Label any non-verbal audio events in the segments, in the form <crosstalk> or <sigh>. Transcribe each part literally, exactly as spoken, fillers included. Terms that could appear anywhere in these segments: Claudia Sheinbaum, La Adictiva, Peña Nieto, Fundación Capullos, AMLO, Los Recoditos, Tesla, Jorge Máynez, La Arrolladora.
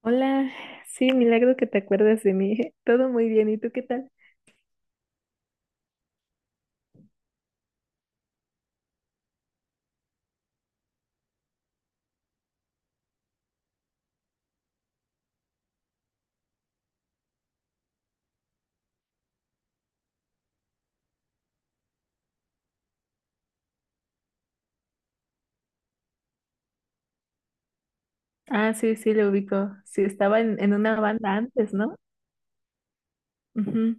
Hola, sí, milagro que te acuerdas de mí. <laughs> Todo muy bien, ¿y tú qué tal? Ah, sí, sí, lo ubico. Sí, estaba en, en una banda antes, ¿no? Ujú.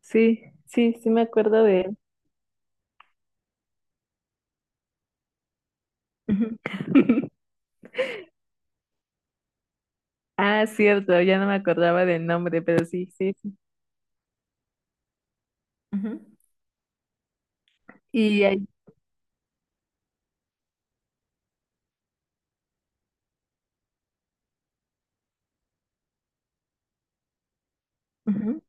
Sí, sí, sí me acuerdo de él. Ujú. <laughs> Ah, cierto, ya no me acordaba del nombre, pero sí, sí, sí. Ujú. Y ahí, ujú,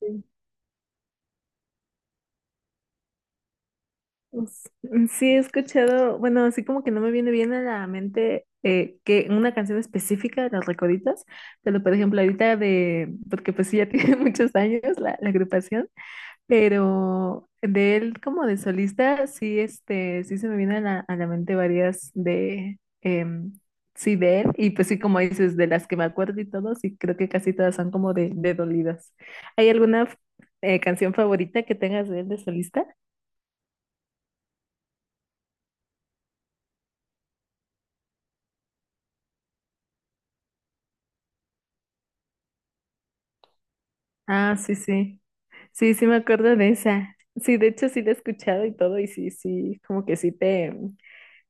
sí. Pues, mm, sí, he escuchado, bueno, así como que no me viene bien a la mente eh, que una canción específica de Los Recoditos, pero por ejemplo ahorita de, porque pues sí ya <laughs> tiene muchos años la, la agrupación. Pero de él como de solista, sí, este, sí se me vienen a, la, a la mente varias de, em, sí, de él, y pues sí, como dices, de las que me acuerdo y todo, sí, creo que casi todas son como de, de dolidas. ¿Hay alguna eh, canción favorita que tengas de él de solista? Ah, sí, sí, sí, sí me acuerdo de esa. Sí, de hecho sí la he escuchado y todo, y sí, sí, como que sí te,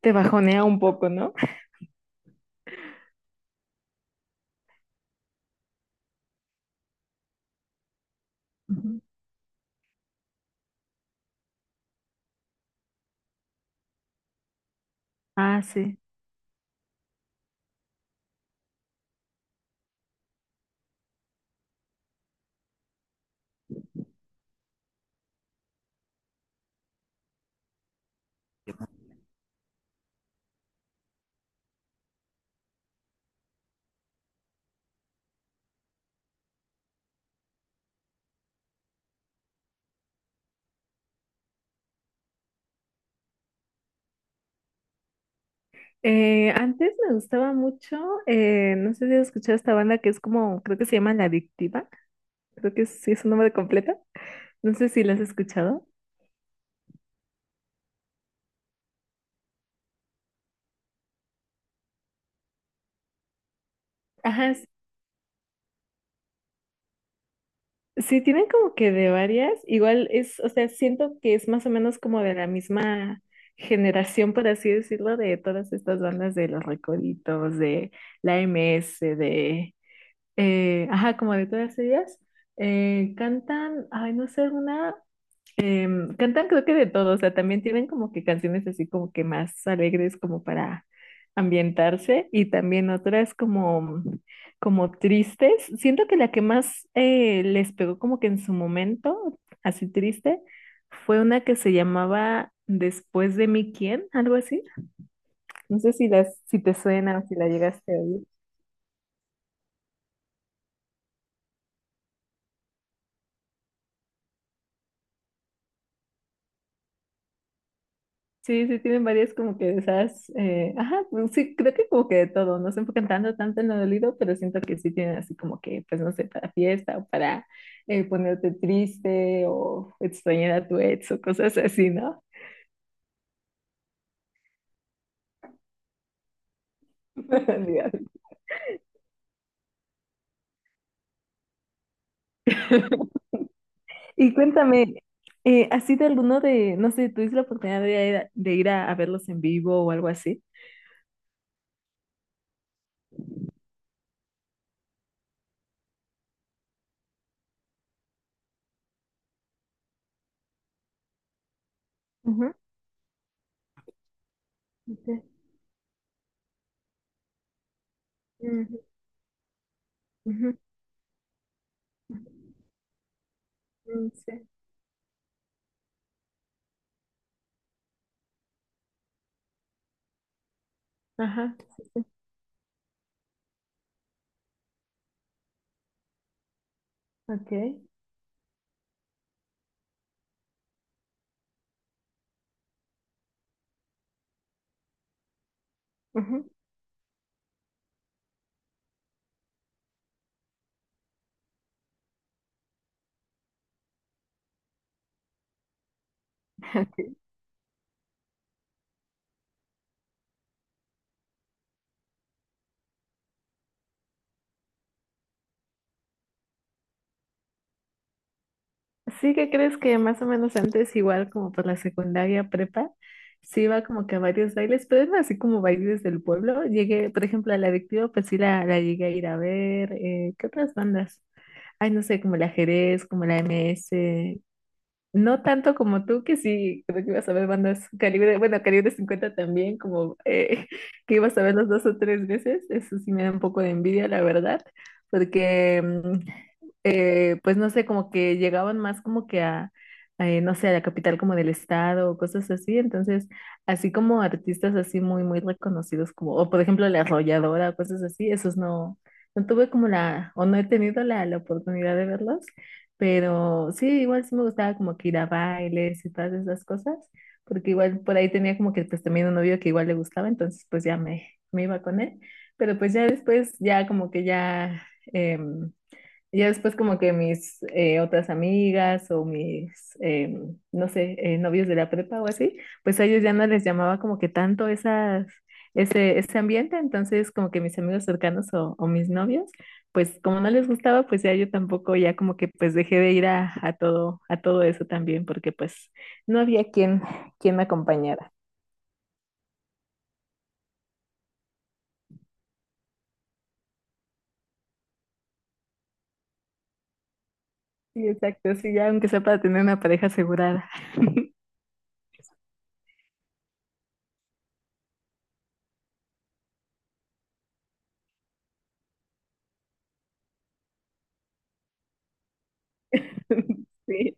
te bajonea un poco, ¿no? Ujú. Ah, sí. Eh, antes me gustaba mucho, eh, no sé si has escuchado esta banda que es como, creo que se llama La Adictiva, creo que sí es su nombre completo, no sé si la has escuchado. Ajá, s- sí, tienen como que de varias, igual es, o sea, siento que es más o menos como de la misma generación, por así decirlo, de todas estas bandas de Los Recoditos, de la M S, de, eh, ajá, como de todas ellas. Eh, cantan, ay, no sé, una. Em, cantan creo que de todo, o sea, también tienen como que canciones así como que más alegres como para ambientarse y también otras como, como tristes. Siento que la que más eh, les pegó como que en su momento, así triste, fue una que se llamaba Después de mí, ¿quién? Algo así. No sé si las, si te suena o si la llegaste a oír. Sí, sí, tienen varias como que de esas, eh, ajá, pues sí, creo que como que de todo, no se enfocan tanto, tanto en lo dolido, pero siento que sí tienen así como que, pues no sé, para fiesta o para eh, ponerte triste o extrañar a tu ex o cosas así, ¿no? <laughs> Dios. Y cuéntame, eh, ¿has ido alguno de, no sé, tuviste la oportunidad de ir, a, de ir a, a verlos en vivo o algo así? Ujú, ok. Ujú, ujú, ujú, sí. Ajá. Ok. Ujú. <laughs> Sí que crees que más o menos antes, igual como por la secundaria prepa, sí iba como que a varios bailes, pero eran así como bailes del pueblo. Llegué, por ejemplo, a la adictiva, pues sí la, la llegué a ir a ver. Eh, ¿qué otras bandas? Ay, no sé, como el ajedrez, como la M S no tanto como tú, que sí, creo que ibas a ver bandas calibre, bueno, calibre cincuenta también, como eh, <laughs> que ibas a verlos dos o tres veces, eso sí me da un poco de envidia, la verdad, porque, mm, eh, pues no sé, como que llegaban más como que a, a, eh, no sé, a la capital como del estado o cosas así, entonces, así como artistas así muy, muy reconocidos, como, o por ejemplo La Arrolladora, cosas así, esos no, no tuve como la, o no he tenido la, la oportunidad de verlos. Pero sí, igual sí me gustaba como que ir a bailes y todas esas cosas, porque igual por ahí tenía como que pues también un novio que igual le gustaba, entonces pues ya me, me iba con él, pero pues ya después ya como que ya, em, ya después como que mis eh, otras amigas o mis, eh, no sé, eh, novios de la prepa o así, pues a ellos ya no les llamaba como que tanto esas, ese, ese ambiente, entonces como que mis amigos cercanos o, o mis novios, pues como no les gustaba, pues ya yo tampoco ya como que pues dejé de ir a, a todo, a todo eso también, porque pues no había quien, quien me acompañara. Sí, exacto, sí, ya aunque sea para tener una pareja asegurada. <laughs> Sí.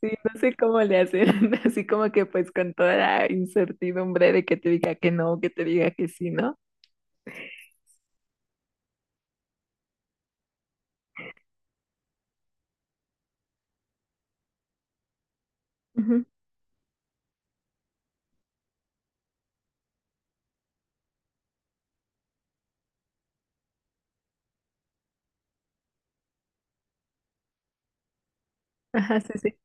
Sí, no sé cómo le hacen, <laughs> así como que pues con toda la incertidumbre de que te diga que no, que te diga que sí, ¿no? Ujú. Ajá, sí, sí.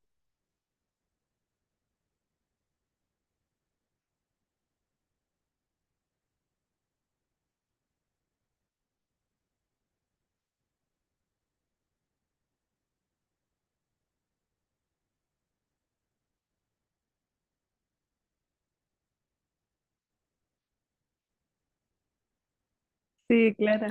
Sí, claro.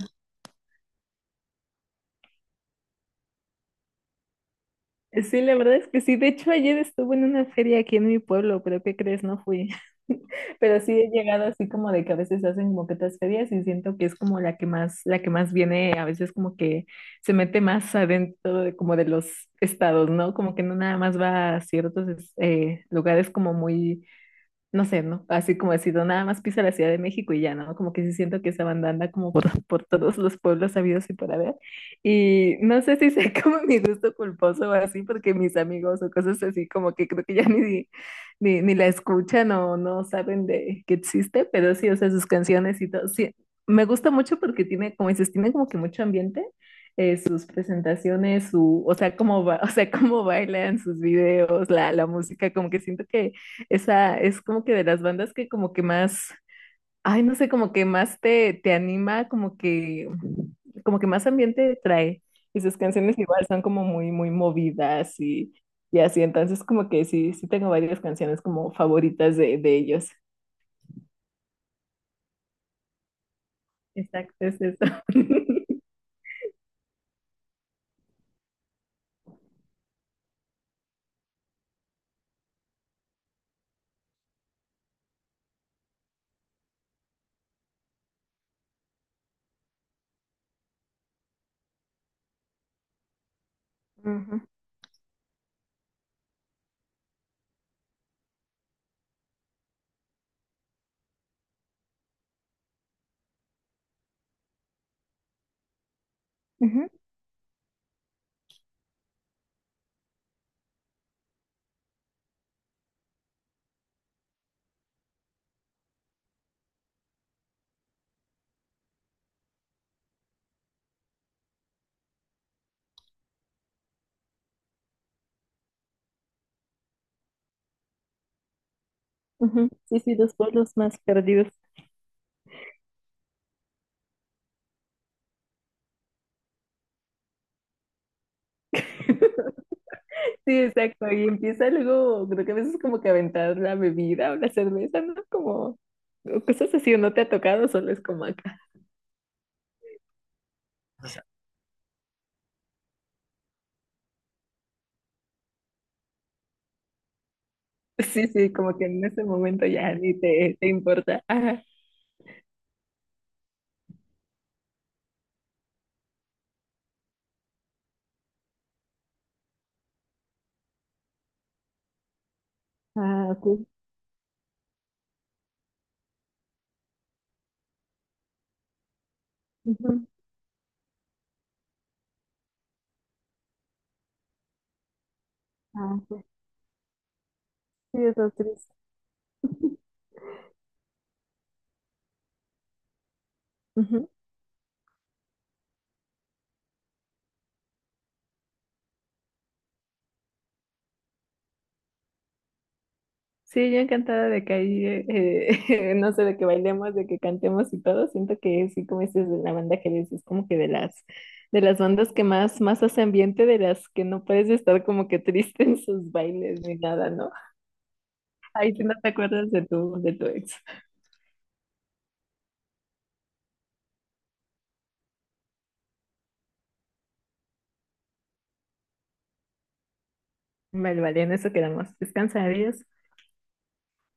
Eh, Sí, la verdad es que sí. De hecho, ayer estuve en una feria aquí en mi pueblo, pero ¿qué crees? No fui. <laughs> Pero sí he llegado así como de que a veces hacen como que otras ferias y siento que es como la que más, la que más viene, a veces como que se mete más adentro de, como de los estados, ¿no? Como que no nada más va a ciertos es- eh, lugares como muy no sé, ¿no? Así como decido, nada más piso la Ciudad de México y ya, ¿no? Como que sí siento que esa banda anda como por, <laughs> por todos los pueblos sabidos y por haber. Y no sé si sea <laughs> como mi gusto culposo o así, porque mis amigos o cosas así como que creo que ya ni, ni, ni la escuchan o no saben de que existe, pero sí, o sea, sus canciones y todo. Sí, me gusta mucho porque tiene, como dices, tiene como que mucho ambiente. Eh, sus presentaciones, su, o sea, cómo ba- <laughs> o sea, cómo bailan sus videos, la, la música, como que siento que esa es como que de las bandas que como que más, ay, no sé, como que más te, te, anima, como que, como que más ambiente trae. Y sus canciones igual son como muy, muy movidas y, y así. Entonces como que sí, sí tengo varias canciones como favoritas de, de ellos. Exacto, es eso. <laughs> Ujú, ujú, ujú. Sí, sí, los pueblos más perdidos. Sí, exacto. Y empieza luego, creo que a veces como que aventar la bebida o la cerveza, ¿no? Como o cosas así, o no te ha tocado, solo es como acá. <laughs> Sí, sí, como que en ese momento ya ni te, te, importa. Ajá. Ah, ok. Ujú. Ah, ok. Sí, eso es triste. Ujú. Sí, yo encantada de que ahí, eh, <laughs> no sé, de que bailemos, de que cantemos y todo. Siento que sí, como dices, de la banda que dices, es como que de las, de las, bandas que más, más hace ambiente, de las que no puedes estar como que triste en sus bailes ni nada, ¿no? Ahí sí no te acuerdas de tu, de tu ex. Vale, vale, en eso quedamos. Descansa, adiós.